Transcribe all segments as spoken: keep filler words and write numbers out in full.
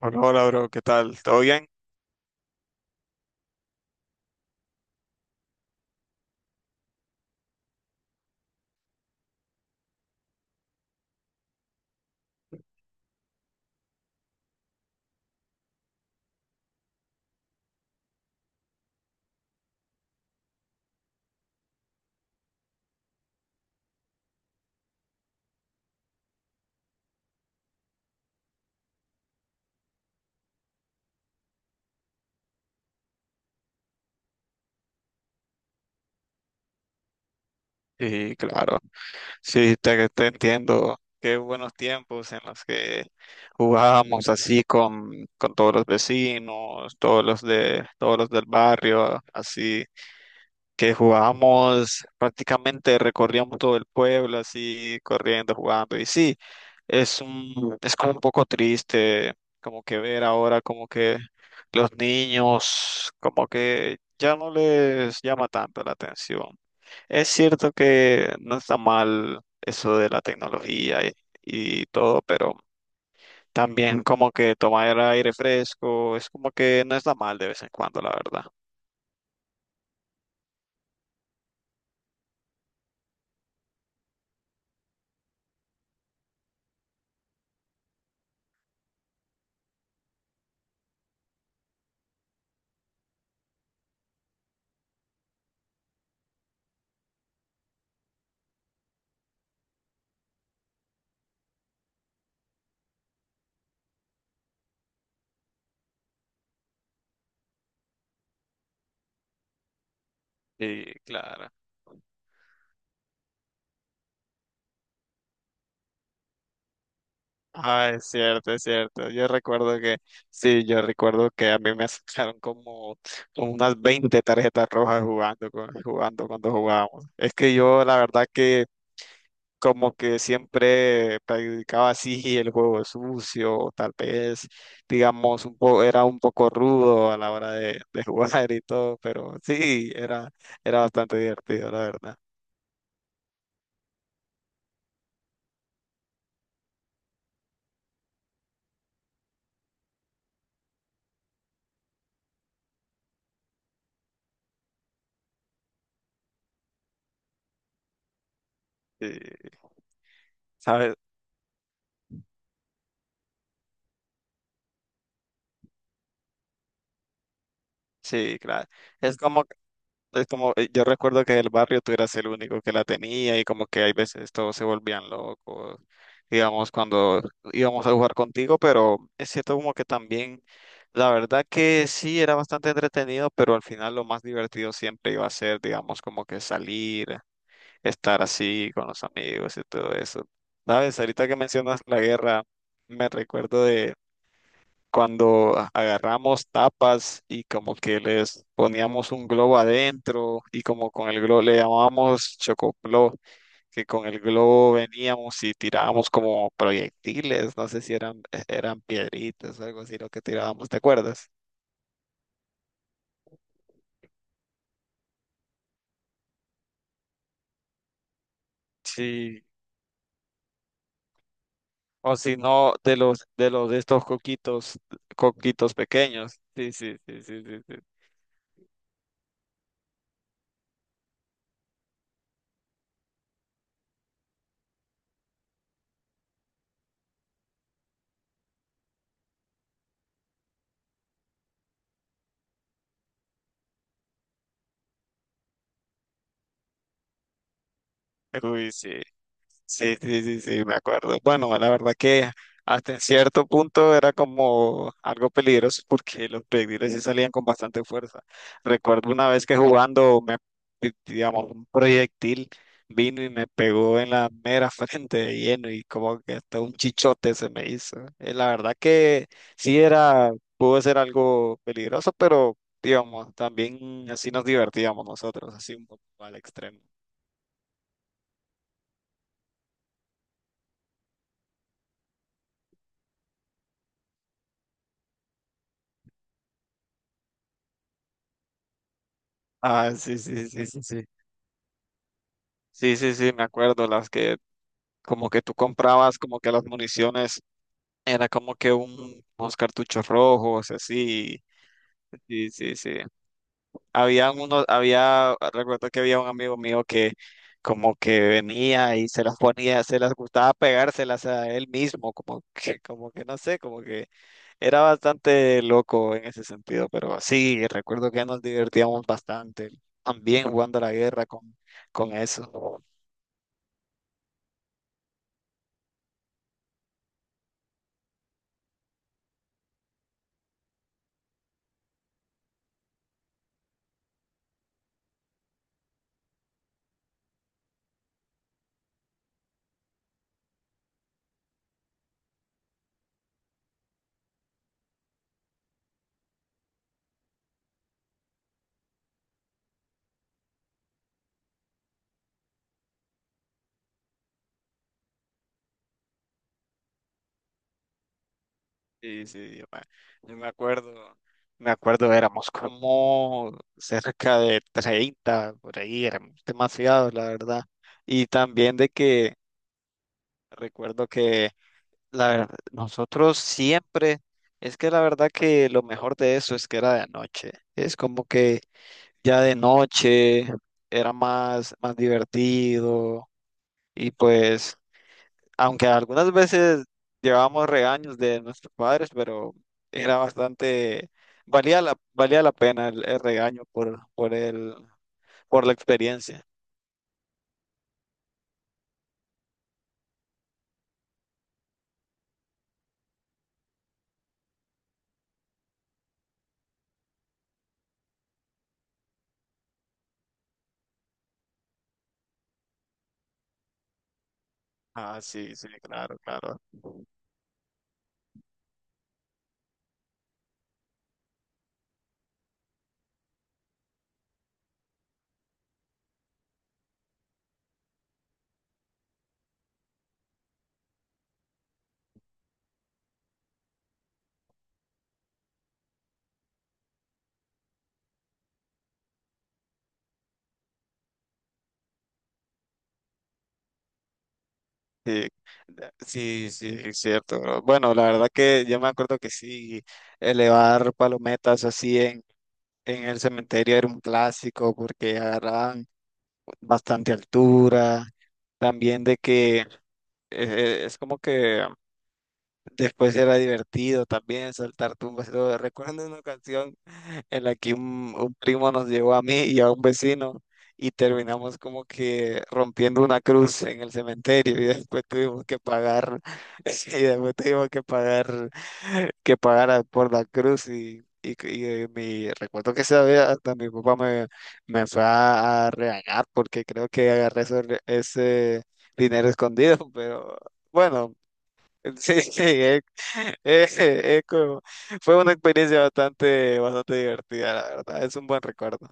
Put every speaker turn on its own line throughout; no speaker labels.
Hola, hola, bro, ¿qué tal? ¿Todo bien? Sí, claro. Sí, te, te entiendo. Qué buenos tiempos en los que jugábamos así con, con todos los vecinos, todos los de, todos los del barrio, así. Que jugábamos, prácticamente recorríamos todo el pueblo así, corriendo, jugando. Y sí, es un, es como un poco triste, como que ver ahora como que los niños, como que ya no les llama tanto la atención. Es cierto que no está mal eso de la tecnología y, y todo, pero también como que tomar aire fresco, es como que no está mal de vez en cuando, la verdad. Sí, claro. Ah, es cierto, es cierto. Yo recuerdo que, sí, yo recuerdo que a mí me sacaron como como unas veinte tarjetas rojas jugando, con- jugando cuando jugábamos. Es que yo la verdad que como que siempre practicaba así el juego sucio, tal vez, digamos, un poco, era un poco rudo a la hora de, de jugar y todo, pero sí, era, era bastante divertido, la verdad. Sí, ¿sabes? Sí, claro. Es como Es como, eh, yo recuerdo que el barrio tú eras el único que la tenía y como que hay veces todos se volvían locos, digamos, cuando íbamos a jugar contigo, pero es cierto como que también, la verdad que sí, era bastante entretenido, pero al final lo más divertido siempre iba a ser, digamos, como que salir, estar así con los amigos y todo eso. ¿Sabes? Ahorita que mencionas la guerra, me recuerdo cuando agarramos tapas y como que les poníamos un globo adentro y como con el globo le llamábamos chocoplo, que con el globo veníamos y tirábamos como proyectiles, no sé si eran, e-, eran piedritas o algo así lo que tirábamos, ¿te acuerdas? Sí, o si no, de los, de los de estos coquitos, coquitos pequeños. Sí, sí, sí, sí, sí, sí. Uy, sí. Sí, sí, sí, sí, me acuerdo. Bueno, la verdad que hasta en cierto punto era como algo peligroso porque los proyectiles sí salían con bastante fuerza. Recuerdo una vez que jugando, me, digamos, un proyectil vino y me pegó en la mera frente de lleno y como que hasta un chichote se me hizo. Eh, La verdad que sí era, pudo ser algo peligroso, pero digamos, también así nos divertíamos nosotros, así un poco al extremo. Ah, sí, sí, sí, sí, sí. Sí, sí, sí, me acuerdo, las que como que tú comprabas como que las municiones era como que un, unos cartuchos rojos, así. Sí, sí, sí. Había unos, había, recuerdo que había un amigo mío que como que venía y se las ponía, se las gustaba pegárselas a él mismo, como que, como que no sé, como que era bastante loco en ese sentido, pero sí, recuerdo que nos divertíamos bastante también jugando a la guerra con, con eso. Sí, sí, yo me, yo me acuerdo, me acuerdo, éramos como cerca de treinta por ahí, éramos demasiados, la verdad. Y también de que recuerdo que la, ver- nosotros siempre, es que la verdad que lo mejor de eso es que era de noche. Es como que ya de noche era más, más divertido y pues aunque algunas veces llevábamos regaños de nuestros padres, pero era bastante, valía la, valía la pena el, el regaño por, por el, por la experiencia. Ah, sí, sí, claro, claro. Sí, da- sí, sí, es cierto, bro. Bueno, la verdad que yo me acuerdo que sí, elevar palometas así en, en el cementerio era un clásico porque agarraban bastante altura. También de que eh, es como que Después era divertido también saltar tumbas y todo. Recuerdo una ocasión en la que un, un primo nos llevó a mí y a un vecino y terminamos como que rompiendo una cruz en el cementerio y después tuvimos que pagar, y después tuvimos que pagar, que pagar a- por la cruz y, y, y, eh, mi, recuerdo que esa vez hasta mi papá me, me fue a, a regañar porque creo que agarré ese, ese dinero escondido, pero bueno. Sí, sí, eh, eh, como- fue una experiencia bastante, bastante divertida, la verdad. Es un buen recuerdo.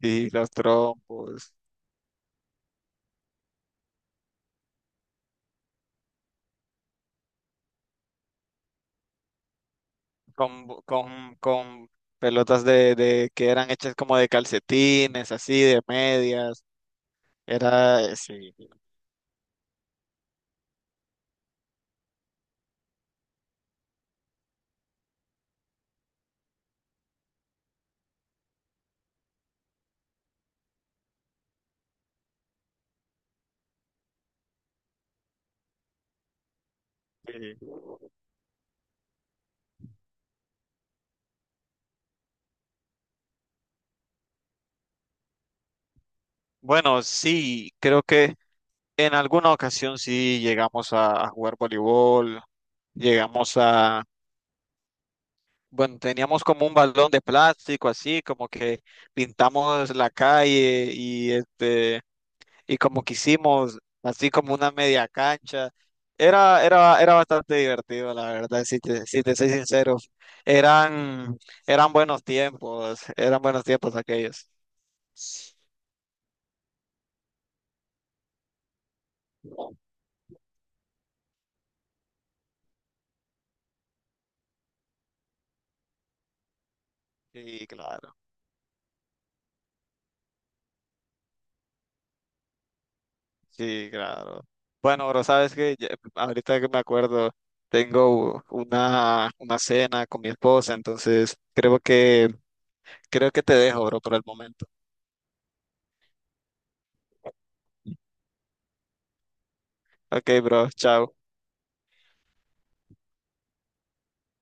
Y los trompos, con, bo- con, con pelotas de, de que eran hechas como de calcetines, así, de medias. Era, eh, sí. eh, bueno, sí, creo que en alguna ocasión sí llegamos a a jugar voleibol. Llegamos a, bueno, teníamos como un balón de plástico así, como que pintamos la calle y este y como que hicimos así como una media cancha. Era, era, era bastante divertido, la verdad, si te, si te soy sincero. Eran, eran buenos tiempos, eran buenos tiempos aquellos. Sí, claro, sí, claro. Bueno, bro, sabes que ahorita que me acuerdo, tengo una, una cena con mi esposa, entonces creo que, creo que te dejo, bro, por el momento. Ok, bro, chao.